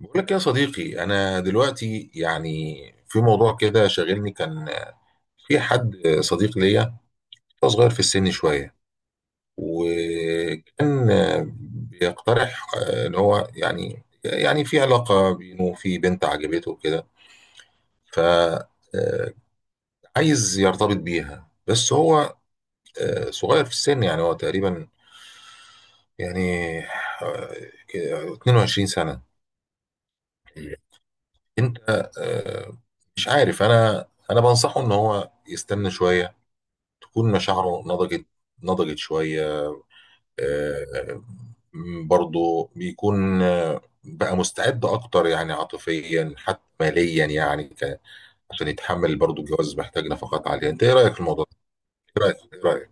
بقول لك يا صديقي، انا دلوقتي يعني في موضوع كده شاغلني. كان في حد صديق ليا، هو صغير في السن شويه، وكان بيقترح ان هو يعني في علاقه بينه وفي بنت عجبته كده. ف عايز يرتبط بيها، بس هو صغير في السن. يعني هو تقريبا يعني 22 سنه. انت آه، مش عارف. انا بنصحه ان هو يستنى شويه تكون مشاعره نضجت، نضجت شويه، آه، برضه بيكون بقى مستعد اكتر، يعني عاطفيا حتى ماليا. عشان يتحمل برضه الجواز محتاج نفقات عاليه. انت ايه رايك في الموضوع ده؟ ايه رايك ايه رايك؟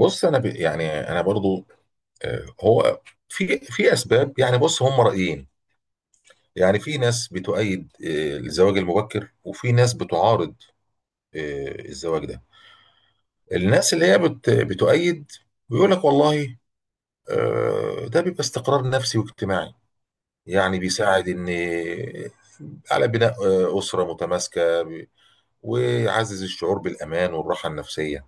بص، انا يعني انا برضه هو في اسباب. يعني بص، هم رايين. يعني في ناس بتؤيد الزواج المبكر، وفي ناس بتعارض الزواج ده. الناس اللي هي بتؤيد بيقول لك والله ده بيبقى استقرار نفسي واجتماعي، يعني بيساعد ان على بناء أسرة متماسكة، ويعزز الشعور بالأمان والراحة النفسية.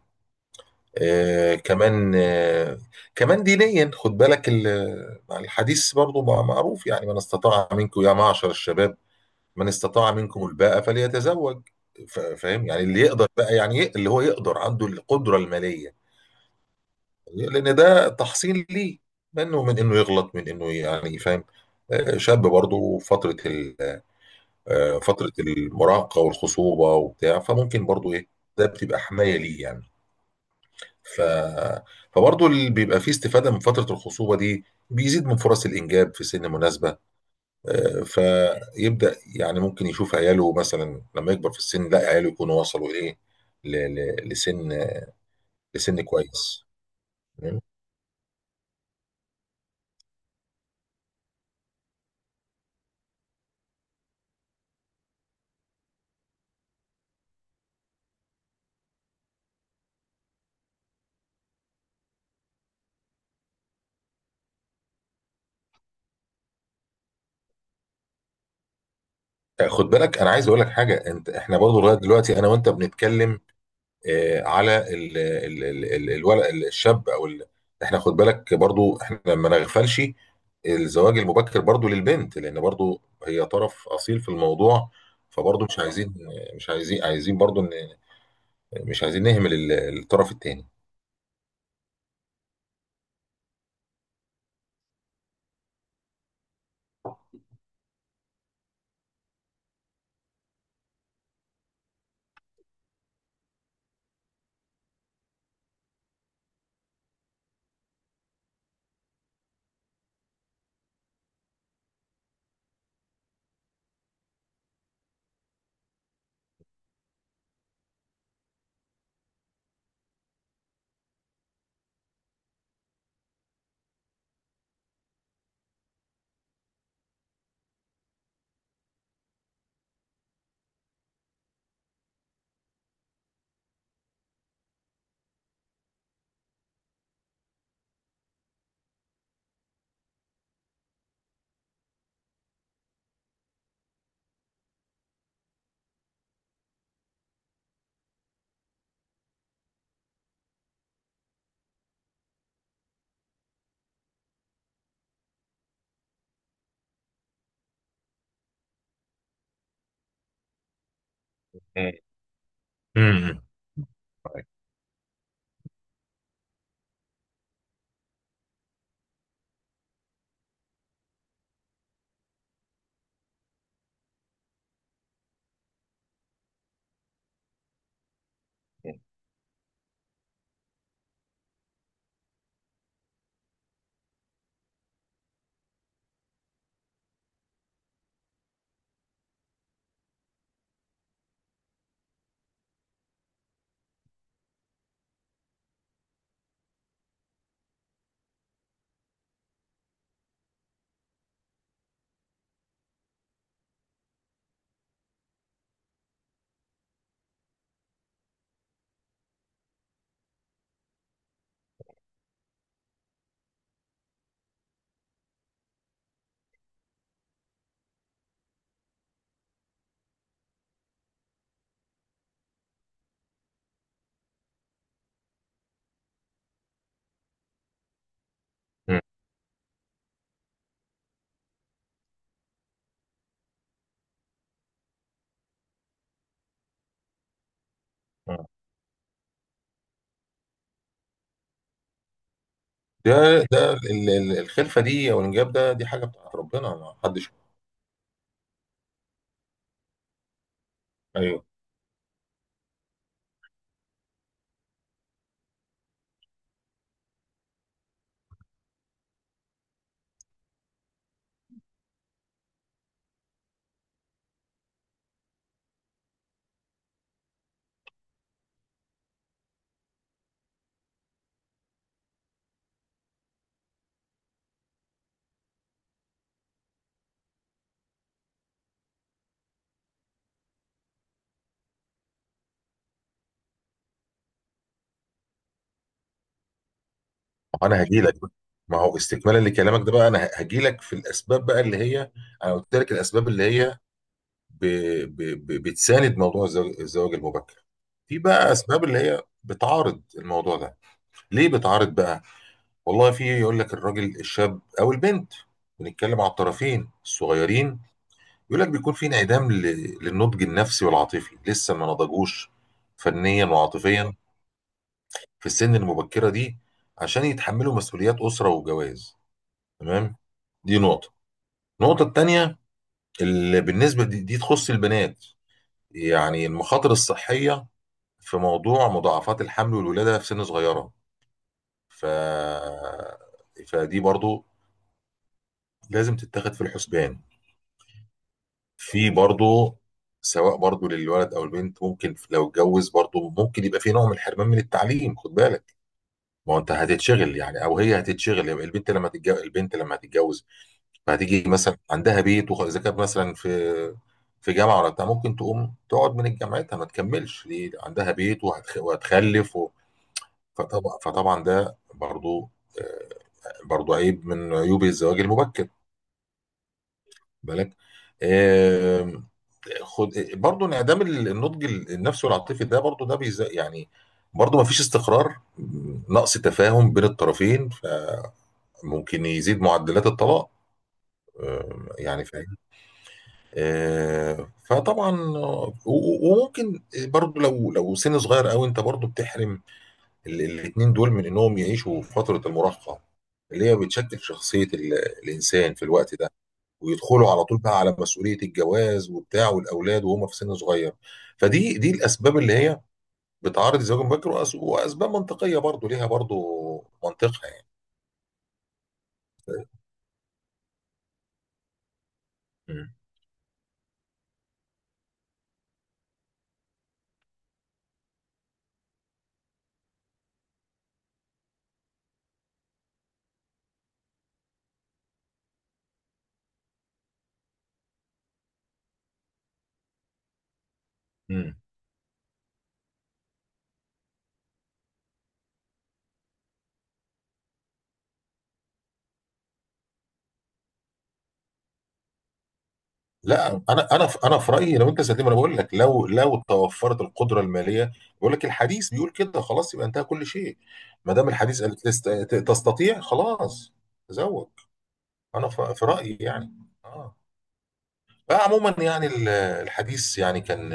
آه، كمان آه، كمان دينيا، خد بالك الحديث برضو معروف، يعني: من استطاع منكم يا معشر الشباب، من استطاع منكم الباءة فليتزوج. فاهم يعني اللي يقدر بقى، اللي هو يقدر عنده القدرة المالية. لان ده تحصين ليه، منه، من انه يغلط، من انه يعني فاهم. شاب برضه فتره فتره المراهقه والخصوبه وبتاع، فممكن برضه ايه، ده بتبقى حمايه ليه يعني. ف فبرضه اللي بيبقى فيه استفاده من فتره الخصوبه دي بيزيد من فرص الانجاب في سن مناسبه. فيبدا يعني ممكن يشوف عياله مثلا لما يكبر في السن، لا عياله يكونوا وصلوا ايه، لسن، لسن كويس. خد بالك، انا عايز اقول لك حاجه. انت احنا برضه لغايه دلوقتي انا وانت بنتكلم على ال الولد الشاب احنا خد بالك برضه احنا ما نغفلش الزواج المبكر برضه للبنت، لان برضه هي طرف اصيل في الموضوع. فبرضه مش عايزين، عايزين برضه ان مش عايزين نهمل الطرف الثاني. امم. ده الخلفه دي او الانجاب ده دي حاجه بتاعت ربنا، ما حدش. ايوه. انا هجي لك، ما هو استكمالا لكلامك ده بقى. انا هجي لك في الاسباب بقى اللي هي، انا قلت لك الاسباب اللي هي ب... ب... بتساند موضوع الزواج المبكر. في بقى اسباب اللي هي بتعارض الموضوع ده. ليه بتعارض بقى؟ والله، في يقول لك الراجل الشاب او البنت، بنتكلم على الطرفين الصغيرين، يقول لك بيكون في انعدام للنضج النفسي والعاطفي، لسه ما نضجوش فنيا وعاطفيا في السن المبكرة دي عشان يتحملوا مسؤوليات أسرة وجواز. تمام. دي نقطة. النقطة التانية، اللي بالنسبة دي تخص البنات، يعني المخاطر الصحية في موضوع مضاعفات الحمل والولادة في سن صغيرة. ف... فدي برضو لازم تتاخد في الحسبان. في برضو، سواء برضو للولد او البنت، ممكن لو اتجوز برضو ممكن يبقى في نوع من الحرمان من التعليم. خد بالك، ما هو انت هتتشغل يعني، او هي هتتشغل البنت لما تتجوز، البنت لما هتتجوز فهتيجي مثلا عندها بيت، اذا كانت مثلا في جامعه ولا بتاع، ممكن تقوم تقعد من جامعتها ما تكملش، دي عندها بيت وهتخلف و... فطبعا ده برضو آه، برضو عيب من عيوب الزواج المبكر. بالك. آم، خد برضو انعدام النضج النفسي والعاطفي. ده برضو ده يعني برضو ما فيش استقرار. نقص تفاهم بين الطرفين فممكن يزيد معدلات الطلاق. يعني فطبعا وممكن برضو لو سن صغير قوي، انت برضو بتحرم الاتنين دول من انهم يعيشوا في فترة المراهقة اللي هي بتشكل شخصية الانسان في الوقت ده، ويدخلوا على طول بقى على مسؤولية الجواز وبتاع والاولاد وهم في سن صغير. فدي الاسباب اللي هي بتعرض الزواج المبكر، واسباب منطقية برضو ليها برضو منطقها يعني. م. م. لا، انا في رايي، لو انت زي ما انا بقول لك، لو توفرت القدره الماليه، بقول لك الحديث بيقول كده، خلاص يبقى انتهى كل شيء. ما دام الحديث قال تستطيع، خلاص تزوج. انا في رايي يعني. اه. بقى عموما يعني الحديث يعني كان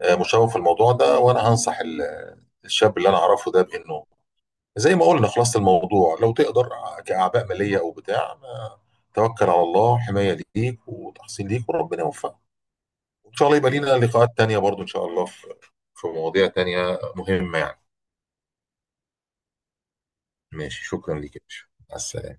مشوق في الموضوع ده. وانا هنصح الشاب اللي انا اعرفه ده بانه، زي ما قلنا، خلاصه الموضوع: لو تقدر كاعباء ماليه او بتاع، ما توكل على الله، حمايه ليك وتحصين ليك وربنا يوفقك. وان شاء الله يبقى لينا لقاءات تانية برضو ان شاء الله في مواضيع تانية مهمة يعني. ماشي، شكرا ليك يا باشا، مع السلامة.